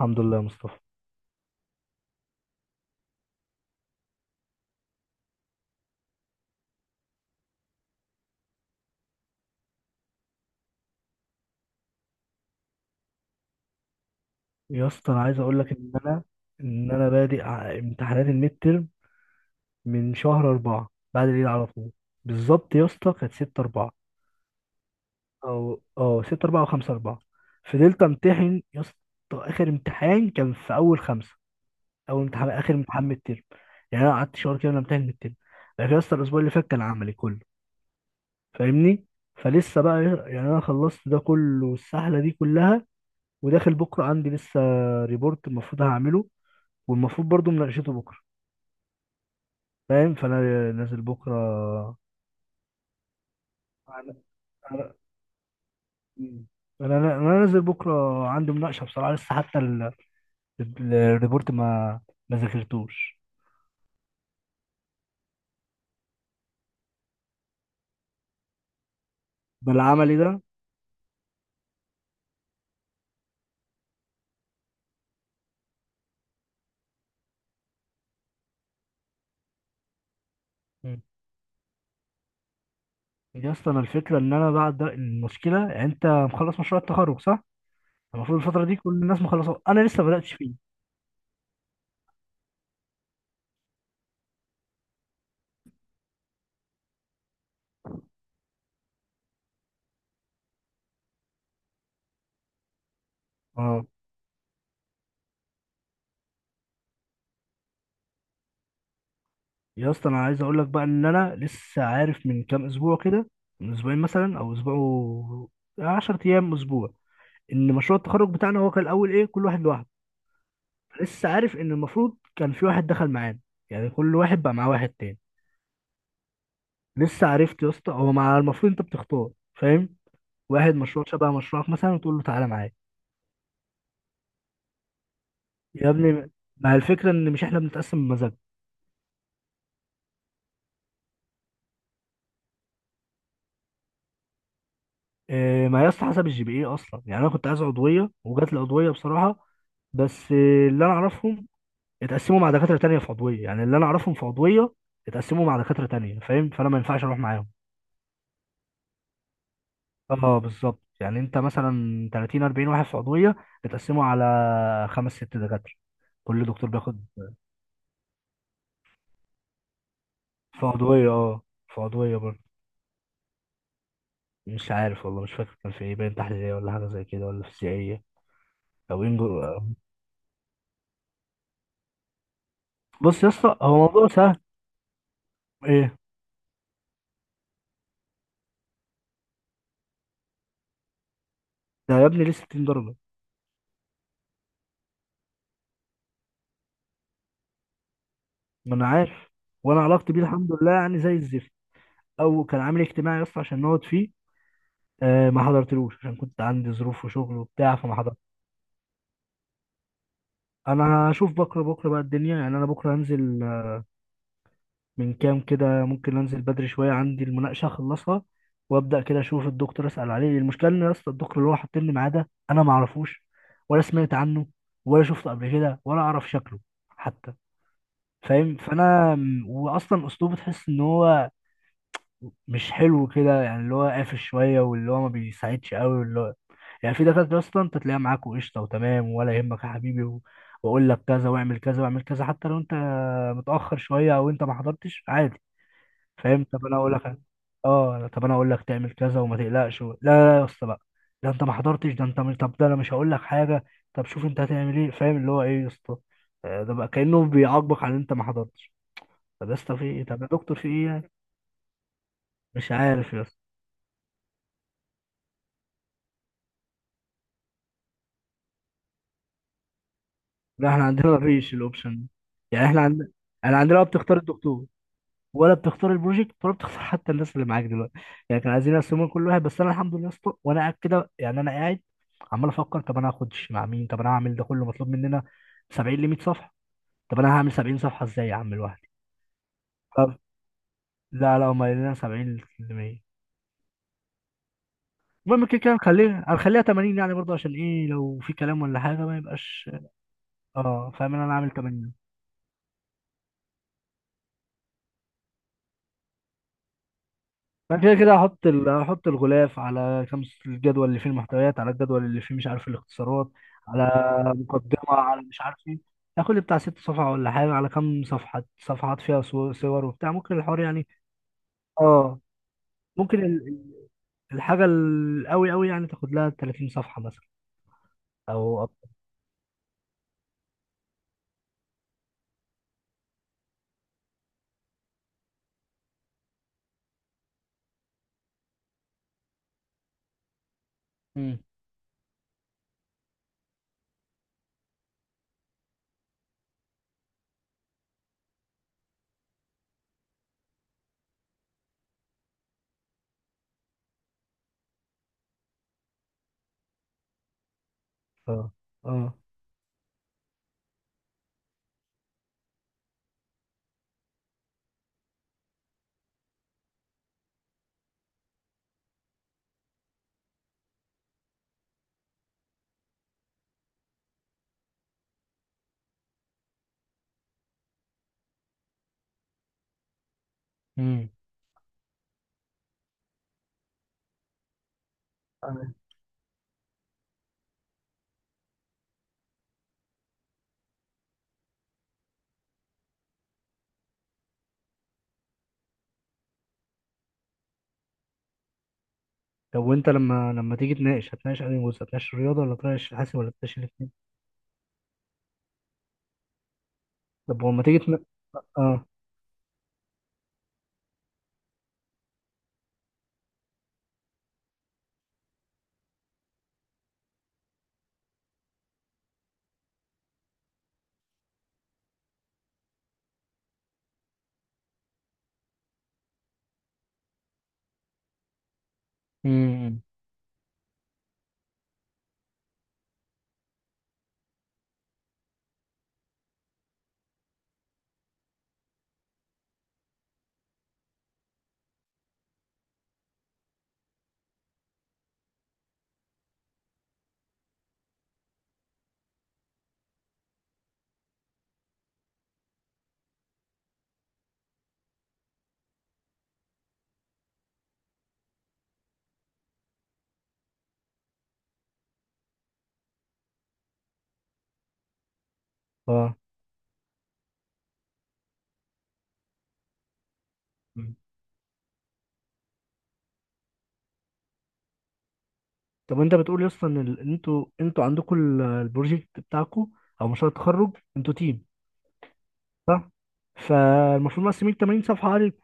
الحمد لله يا مصطفى. يا اسطى، انا عايز اقول لك ان انا بادئ امتحانات الميد ترم من شهر أربعة بعد العيد على طول. بالظبط يا اسطى كانت 6 4 او 6 4 او 5 4. فضلت امتحن يا اسطى. اخر امتحان كان في اول خمسة. اول امتحان اخر امتحان ميد ترم. يعني انا قعدت شهر كده انا امتحن ميد ترم. لكن يا اسطى الاسبوع اللي فات كان عملي كله. فاهمني؟ فلسه بقى، يعني انا خلصت ده كله والسحله دي كلها، وداخل بكره عندي لسه ريبورت المفروض هعمله، والمفروض برضو مناقشته بكره. فاهم؟ فانا نازل بكره. انا انا انا أنا نازل بكره، عندي مناقشه بصراحه لسه. حتى الريبورت ما ذاكرتوش بالعملي ده. مم. يا اسطى انا الفكره ان انا بعد المشكله، يعني انت مخلص مشروع التخرج، صح؟ المفروض الفتره دي كل الناس مخلصه، انا لسه ما بداتش فيه. اه. يا اسطى انا عايز اقول لك بقى ان انا لسه عارف من كام اسبوع كده، من اسبوعين مثلا او اسبوع 10 ايام اسبوع، ان مشروع التخرج بتاعنا هو كان الاول ايه؟ كل واحد لوحده. لسه عارف ان المفروض كان في واحد دخل معانا، يعني كل واحد بقى معاه واحد تاني. لسه عرفت يا اسطى. هو مع المفروض انت بتختار، فاهم، واحد مشروع شبه مشروعك مثلا، وتقول له تعالى معايا. يا ابني، مع الفكره ان مش احنا بنتقسم بمزاج. إيه ما يا اسطى حسب الجي بي اي اصلا، يعني انا كنت عايز عضويه وجات لي عضويه بصراحه. بس إيه، اللي انا اعرفهم اتقسموا مع دكاتره تانيه في عضويه، يعني اللي انا اعرفهم في عضويه اتقسموا مع دكاتره تانيه. فاهم؟ فانا ما ينفعش اروح معاهم. اه بالظبط، يعني انت مثلا 30 40 واحد في عضويه، بتقسمه على خمس ست دكاتره، كل دكتور بياخد. في عضويه، اه، في عضويه برضه. مش عارف والله، مش فاكر كان في ايه، باين تحليليه ولا حاجه زي كده ولا فيزيائيه، او انجو. آه. بص يا اسطى، هو موضوع سهل. ايه ده يا ابني، ليه 60 درجه؟ ما انا عارف. وانا علاقتي بيه الحمد لله يعني زي الزفت. او كان عامل اجتماعي يا اسطى عشان نقعد فيه. آه، ما حضرتلوش عشان كنت عندي ظروف وشغل وبتاع، فما حضرت. انا هشوف بكره. بكره بقى الدنيا، يعني انا بكره هنزل من كام كده، ممكن انزل بدري شويه، عندي المناقشه اخلصها، وابدا كده اشوف الدكتور، اسال عليه. المشكله ان يا اسطى الدكتور اللي هو حاطين لي معاه ده، انا ما اعرفوش ولا سمعت عنه ولا شفته قبل كده ولا اعرف شكله حتى. فاهم؟ فانا واصلا اسلوبه تحس ان هو مش حلو كده، يعني اللي هو قافش شويه، واللي هو ما بيساعدش قوي، واللي هو يعني. في دكاتره اصلا انت تلاقيها معاك وقشطه وتمام، ولا يهمك يا حبيبي واقول لك كذا، واعمل كذا، واعمل كذا، حتى لو انت متاخر شويه او انت ما حضرتش عادي، فاهم؟ طب انا اقول لك، اه طب انا اقول لك تعمل كذا وما تقلقش لا لا يا اسطى بقى، ده انت ما حضرتش، ده انت مش، طب ده انا مش هقول لك حاجه، طب شوف انت هتعمل ايه، فاهم اللي هو ايه يا اسطى. ده بقى كانه بيعاقبك على ان انت ما حضرتش. طب يا اسطى في ايه، طب يا دكتور في ايه يعني؟ مش عارف يا اسطى. لا احنا عندنا ما فيش الاوبشن ده. يعني احنا عندنا، انا عندنا بقى بتختار الدكتور ولا بتختار البروجكت ولا بتختار حتى الناس اللي معاك دلوقتي. يعني كانوا عايزين يقسموا كل واحد. بس انا الحمد لله يا اسطى، وانا قاعد كده يعني انا قاعد عمال افكر، طب انا هاخد مع مين، طب انا هعمل ده كله، مطلوب مننا 70 ل 100 صفحه. طب انا هعمل 70 صفحه ازاي يا عم لوحدي؟ طب لا لا، هم قايلين لنا 70 ل 100. المهم كده كده هنخليها 80 يعني برضه، عشان ايه، لو في كلام ولا حاجه ما يبقاش. اه فاهم، إن انا عامل 80. انا كده كده هحط هحط الغلاف على خمس، الجدول اللي فيه المحتويات، على الجدول اللي فيه مش عارف الاختصارات، على مقدمة، على مش عارف ايه، هاخد لي بتاع ست صفحة ولا حاجة. على كام صفحة صفحات فيها صور صور وبتاع، ممكن الحوار يعني. اه ممكن الحاجة القوي قوي يعني تاخد لها 30 صفحة مثلا، او اكتر. امم. اه. اه. امم. تمام. طب وانت لما تيجي تناقش، هتناقش انهي جزء، هتناقش الرياضة ولا تناقش الحاسب ولا تناقش الاثنين؟ طب ولما تيجي تناقش. اه. امم. اه. مم. طب وانت بتقول يا اسطى ان ان انتوا عندكم البروجكت بتاعكم، او مشروع التخرج، انتوا تيم صح؟ فالمفروض مقسمين 80 صفحه عليكم.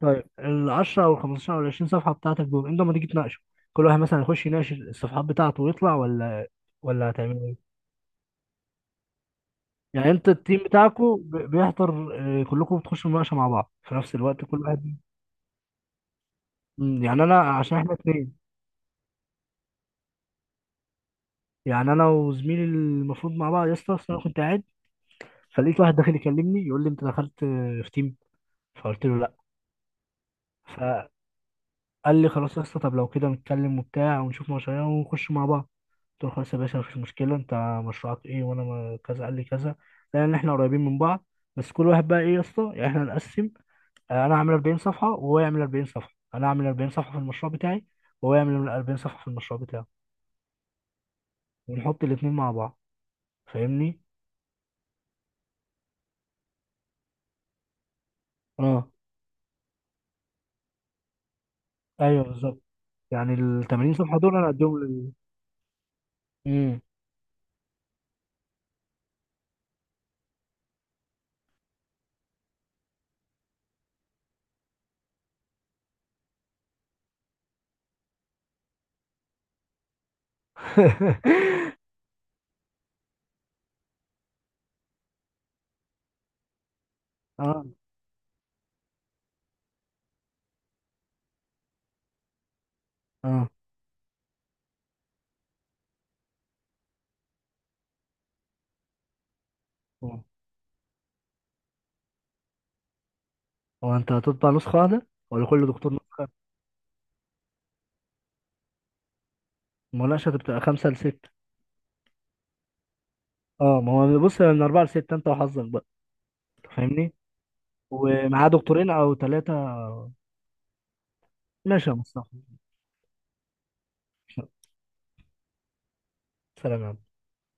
طيب ال 10 او ال 15 او ال 20 صفحه بتاعتك دول، انتوا لما تيجي تناقشوا، كل واحد مثلا يخش يناقش الصفحات بتاعته ويطلع، ولا هتعملوا ايه؟ يعني انت التيم بتاعكم بيحضر، كلكم بتخشوا مناقشه مع بعض في نفس الوقت كل واحد؟ يعني انا عشان احنا اتنين، يعني انا وزميلي المفروض مع بعض يا اسطى. أصل انا كنت قاعد، فلقيت واحد داخل يكلمني يقول لي، انت دخلت في تيم؟ فقلت له لا. فقال لي خلاص يا اسطى، طب لو كده نتكلم وبتاع، ونشوف مشاريع ونخش مع بعض. قلت له خلاص يا باشا مفيش مشكله، انت مشروعك ايه، وانا كذا قال لي كذا، لان احنا قريبين من بعض. بس كل واحد بقى ايه يا اسطى، يعني احنا نقسم، انا اعمل 40 صفحه وهو يعمل 40 صفحه، انا اعمل 40 صفحه في المشروع بتاعي، وهو يعمل 40 صفحه في المشروع بتاعه، ونحط الاثنين مع بعض. فاهمني؟ اه ايوه بالظبط، يعني ال 80 صفحه دول انا اديهم لل. امم. اه اه. هو انت هتطبع نسخة واحدة ولا كل دكتور نسخة؟ المناقشة بتبقى خمسة لستة. اه ما هو بص، من أربعة لستة أنت وحظك بقى. أنت فاهمني؟ ومعاه دكتورين أو ثلاثة. ماشي يا مصطفى. سلام يا عم.